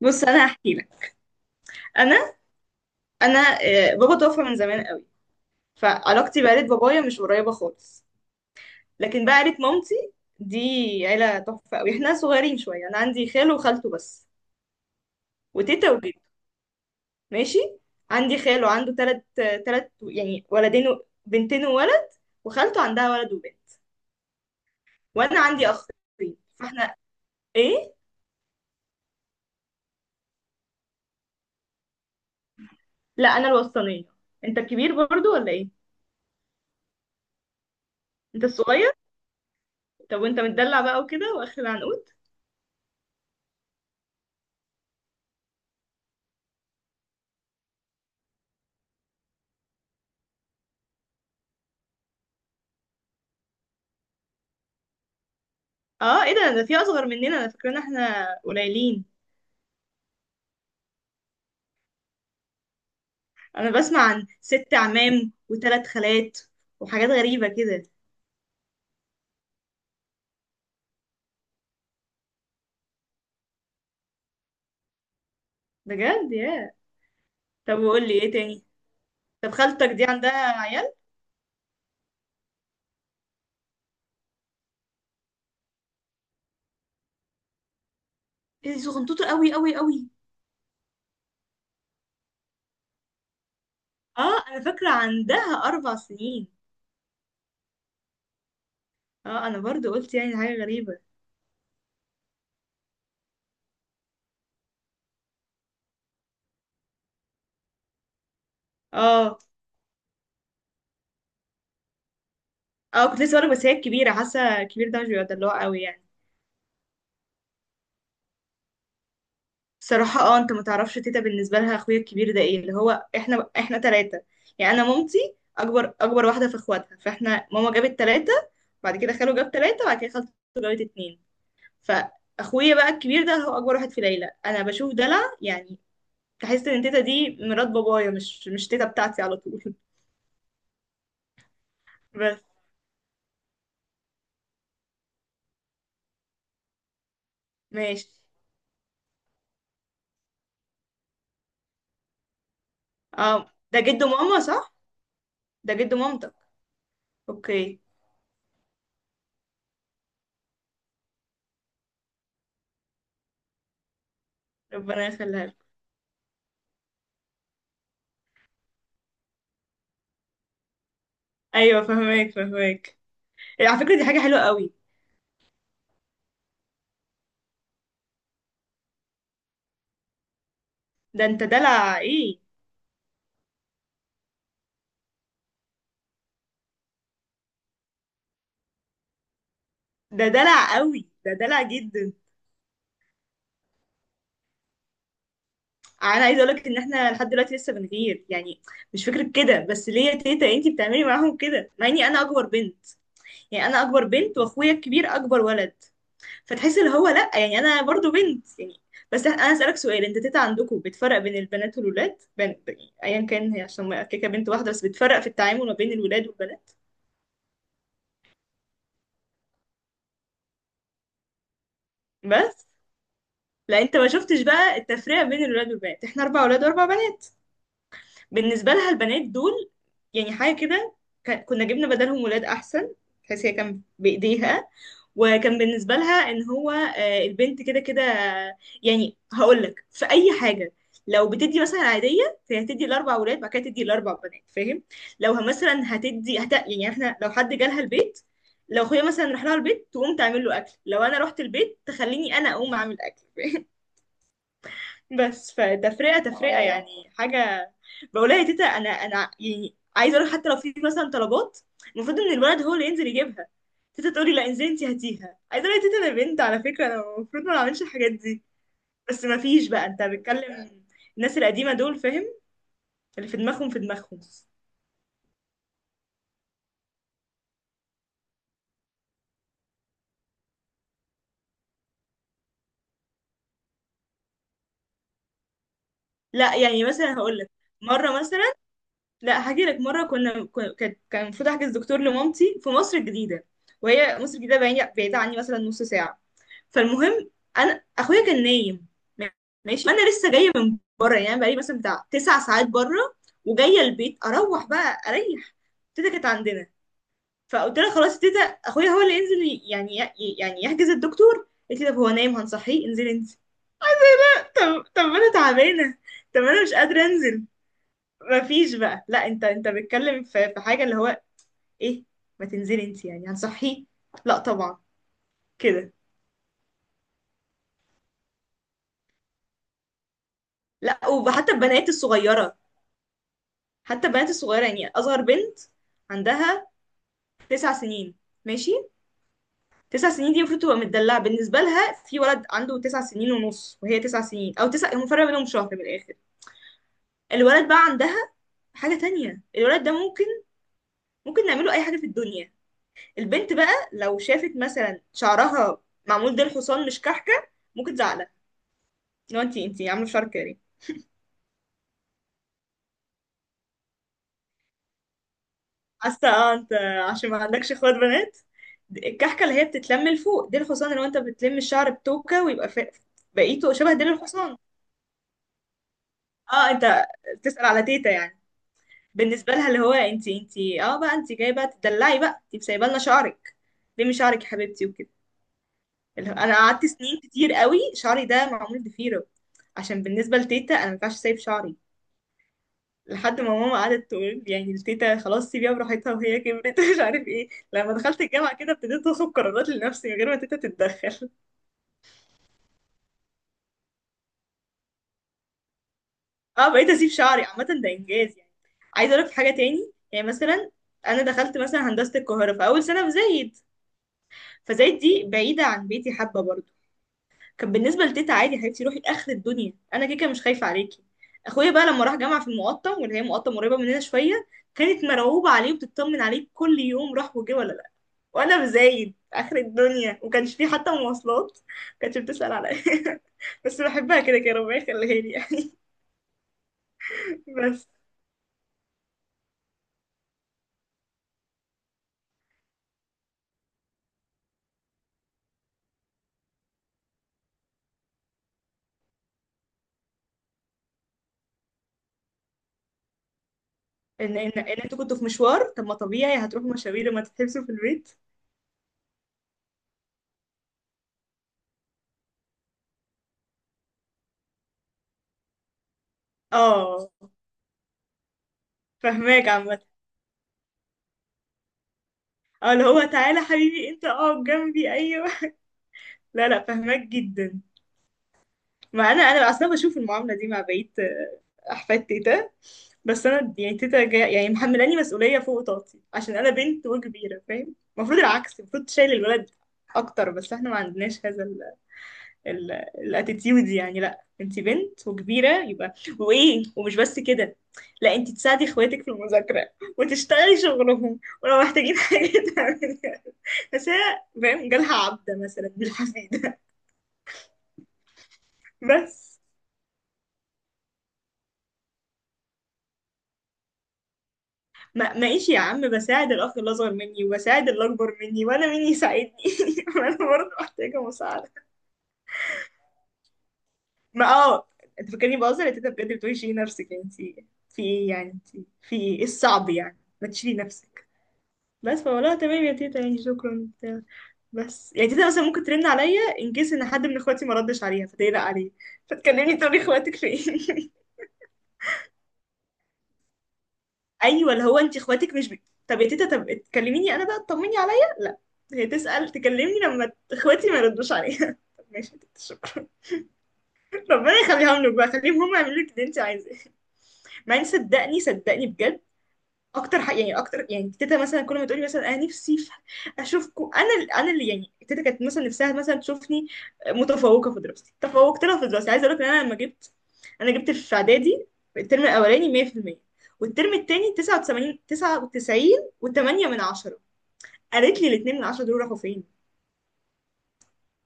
بص، انا هحكي لك. انا انا بابا توفى من زمان قوي، فعلاقتي بعيله بابايا مش قريبه خالص، لكن بقى عيله مامتي دي عيله تحفه قوي. احنا صغيرين شويه، انا عندي خاله وخالته بس، وتيتا وجد. ماشي. عندي خاله عنده تلت يعني ولدين بنتين وولد، وخالته عندها ولد وبنت، وانا عندي اخين، فاحنا ايه. لا، انا الوسطانيه. انت الكبير برضو ولا ايه؟ انت الصغير. طب وانت متدلع بقى وكده واخر العنقود. اه ايه ده في اصغر مننا؟ انا فاكره ان احنا قليلين. انا بسمع عن 6 عمام وثلاث خالات وحاجات غريبه كده. بجد يا. طب وقول لي ايه تاني؟ طب خالتك دي عندها عيال؟ ايه دي صغنطوطه قوي قوي قوي. اه انا فاكره عندها 4 سنين. اه انا برضو قلت يعني حاجه غريبه. اه، اه، كنت لسه بقولك، بس هي الكبيره، حاسه الكبير ده مش بيبقى دلوع قوي يعني. صراحة اه، انت ما تعرفش تيتا، بالنسبة لها اخويا الكبير ده ايه، اللي هو احنا 3 يعني. انا مامتي اكبر واحدة في اخواتها، فاحنا ماما جابت 3، بعد كده خاله جاب 3، بعد كده خالته جابت 2. فاخويا بقى الكبير ده هو اكبر واحد في العيلة. انا بشوف دلع يعني، تحس ان تيتا دي مرات بابايا، مش تيتا بتاعتي على طول. بس ماشي. اه ده جد ماما، صح، ده جد مامتك. اوكي. ربنا يخليها لك. ايوه فهماك فهماك. على فكرة دي حاجة حلوة قوي. ده انت دلع ايه. ده دلع قوي، ده دلع جدا. انا عايزه اقولك ان احنا لحد دلوقتي لسه بنغير يعني. مش فكره كده، بس ليه يا تيتا انتي بتعملي معاهم كده مع اني انا اكبر بنت؟ يعني انا اكبر بنت واخويا الكبير اكبر ولد، فتحس اللي هو لا، يعني انا برضو بنت يعني. بس انا اسالك سؤال، انت تيتا عندكم بتفرق بين البنات والولاد، بين... ايا كان، هي عشان كيكه بنت واحده بس، بتفرق في التعامل ما بين الولاد والبنات. بس لا، انت ما شفتش بقى التفرقه بين الولاد والبنات. احنا 4 ولاد و4 بنات، بالنسبة لها البنات دول يعني حاجة كده، كنا جبنا بدلهم ولاد أحسن. بحيث هي كان بإيديها، وكان بالنسبة لها إن هو البنت كده كده، يعني هقولك في أي حاجة، لو بتدي مثلا عادية، فهي هتدي الأربع ولاد بعد كده تدي الأربع بنات، فاهم. لو مثلا يعني احنا لو حد جالها البيت، لو أخويا مثلا راح لها البيت تقوم تعمل له أكل، لو أنا رحت البيت تخليني أنا أقوم أعمل أكل. بس فتفرقة تفرقة اه يعني حاجة. بقولها يا تيتا أنا يعني عايزة أقول لك، حتى لو في مثلا طلبات، المفروض إن الولد هو اللي ينزل يجيبها، تيتا تقولي لا انزلي أنتي هاتيها. عايزة أقول لها يا تيتا أنا بنت على فكرة، أنا المفروض ما بعملش الحاجات دي. بس ما فيش بقى، أنت بتكلم الناس القديمة دول فاهم، اللي في دماغهم في دماغهم. لا يعني مثلا هقول لك مرة، مثلا لا، هاجي لك مرة كان المفروض أحجز دكتور لمامتي في مصر الجديدة، وهي مصر الجديدة بعيدة بعيدة عني، مثلا نص ساعة. فالمهم، انا اخويا كان نايم. ماشي. انا لسه جايه من بره، يعني بقالي مثلا بتاع 9 ساعات بره وجايه البيت، اروح بقى اريح. تيتا كانت عندنا. فقلت لها خلاص يا تيتا، اخويا هو اللي ينزل، يعني يحجز الدكتور. قالت لي طب هو نايم هنصحيه، انزلي انت. طب طب انا تعبانه، طب انا مش قادره انزل. مفيش بقى لا، انت بتتكلم في حاجه اللي هو ايه، ما تنزلي انت يعني هنصحيه. لا طبعا كده. لا وحتى البنات الصغيره، حتى البنات الصغيرة، يعني أصغر بنت عندها 9 سنين. ماشي. تسع سنين دي المفروض تبقى متدلعة. بالنسبة لها في ولد عنده 9 سنين ونص، وهي 9 سنين أو تسع، هم فرق بينهم شهر من الآخر. الولد بقى عندها حاجة تانية، الولد ده ممكن نعمله أي حاجة في الدنيا. البنت بقى لو شافت مثلا شعرها معمول ديل حصان مش كحكة، ممكن تزعلها، لو انتي عاملة في شعرك كده ليه؟ حاسه. اه انت عشان ما عندكش اخوات بنات. الكحكه اللي هي بتتلم لفوق، ديل الحصان اللي هو انت بتلم الشعر بتوكه ويبقى بقيته شبه ديل الحصان. اه انت بتسأل على تيتا يعني. بالنسبه لها اللي هو انت اه بقى، انت جايه بقى تدلعي بقى؟ انت سايبه لنا شعرك، لمي شعرك يا حبيبتي وكده. اللي هو انا قعدت سنين كتير قوي شعري ده معمول ضفيره، عشان بالنسبه لتيتا انا ما ينفعش سايب شعري، لحد ما ماما قعدت تقول يعني التيتا خلاص سيبيها براحتها وهي كبرت. مش عارف ايه، لما دخلت الجامعة كده ابتديت اخد قرارات لنفسي من غير ما تيتا تتدخل. اه بقيت اسيب شعري عامة، ده انجاز يعني. عايزة اقولك في حاجة تاني يعني، مثلا انا دخلت مثلا هندسة القاهرة في اول سنة في زايد، فزايد دي بعيدة عن بيتي حبة برضه. كان بالنسبه لتيتا عادي، يا حبيبتي روحي اخر الدنيا، انا كده كده مش خايفه عليكي. اخويا بقى لما راح جامعه في المقطم، واللي هي مقطم قريبه مننا شويه، كانت مرعوبه عليه وبتطمن عليه كل يوم، راح وجه ولا لا. وانا بزايد اخر الدنيا وكانش فيه حتى مواصلات، كانتش بتسأل عليا. بس بحبها كده كده، ربنا يخليها لي يعني. بس. ان انتوا كنتوا في مشوار، طب ما طبيعي هتروحوا مشاوير، لما تتحبسوا في البيت. اه فهماك عامة. اه اللي هو تعالى حبيبي انت اقعد جنبي، ايوه. لا لا فهماك جدا. ما انا اصلا بشوف المعامله دي مع بقيه احفاد تيتا. بس انا يعني تيتا جاي يعني محملاني مسؤوليه فوق طاقتي، عشان انا بنت وكبيره فاهم؟ المفروض العكس، المفروض تشيل الولد اكتر، بس احنا ما عندناش هذا ال ال الاتيتيود يعني لا انت بنت وكبيره، يبقى وايه، ومش بس كده، لا انت تساعدي اخواتك في المذاكره وتشتغلي شغلهم، ولو محتاجين حاجه تعمليها. بس هي فاهم جالها عبده مثلا مش حفيده. بس ما ماشي يا عم، بساعد الاخ الاصغر مني وبساعد اللي اكبر مني، وانا مين يساعدني؟ انا برضه محتاجه مساعده. ما اه انت فاكرني بهزر؟ انت بجد بتقولي شيلي نفسك؟ انت في ايه يعني؟ انت في ايه؟ إيه الصعب يعني ما تشيلي نفسك. بس فولا تمام يا تيتا، يعني شكرا بتاع. بس يعني تيتا مثلا ممكن ترن عليا ان كيس ان حد من اخواتي ما ردش عليها فتقلق عليه، فتكلمني تقولي اخواتك فين. ايوه، اللي هو انت اخواتك مش بي... طب يا تيتا، طب تكلميني انا بقى، تطمني عليا، لا هي تسأل، تكلمني لما اخواتي ما يردوش عليها. طب ماشي يا تيتا شكرا. ربنا يخليهم لك بقى، خليهم هم يعملوا لك اللي انت عايزاه. ما صدقني صدقني بجد. اكتر حق يعني اكتر، يعني تيتا مثلا كل ما تقولي مثلا انا نفسي اشوفكم، انا اللي يعني تيتا كانت مثلا نفسها مثلا تشوفني متفوقه في دراستي، تفوقت لها في دراستي. عايزه اقول لك ان انا جبت في اعدادي في الترم الاولاني 100%، والترم التاني 89 99، و8 من 10. قالت لي الاتنين من 10 دول راحوا فين؟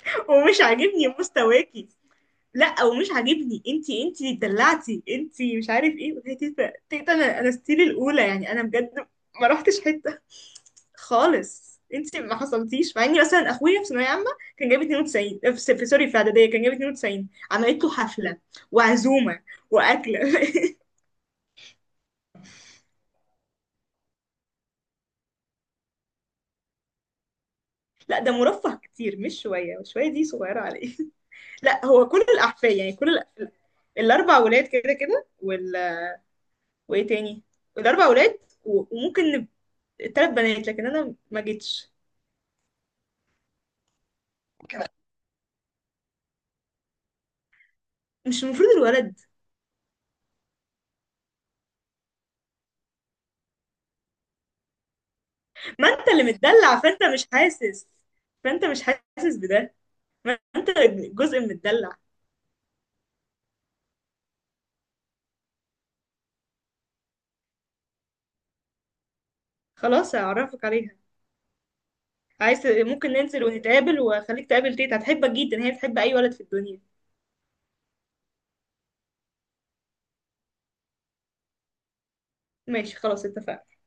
ومش عاجبني مستواكي. لا ومش عاجبني، انتي اللي اتدلعتي انتي، مش عارف ايه. قلت لها تيتا تيتا، انا ستيل الاولى يعني، انا بجد ما رحتش حته خالص، انت ما حصلتيش. مع اني مثلا اخويا في ثانويه عامه كان جايب 92، سوري في اعداديه كان جايب 92، عملت له حفله وعزومه واكله. لا ده مرفه كتير مش شويه، وشويه دي صغيره عليه. لا هو كل الاحفاد يعني، كل الاربع ولاد كده كده وايه تاني، الاربع ولاد وممكن التلات بنات، لكن انا ما جيتش. مش المفروض الولد؟ ما انت اللي متدلع فانت مش حاسس، فانت مش حاسس بده ما انت جزء من متدلع. خلاص هعرفك عليها. عايز ممكن ننزل ونتقابل واخليك تقابل تيتا، هتحبك جدا، هي بتحب اي ولد في الدنيا. ماشي خلاص اتفقنا.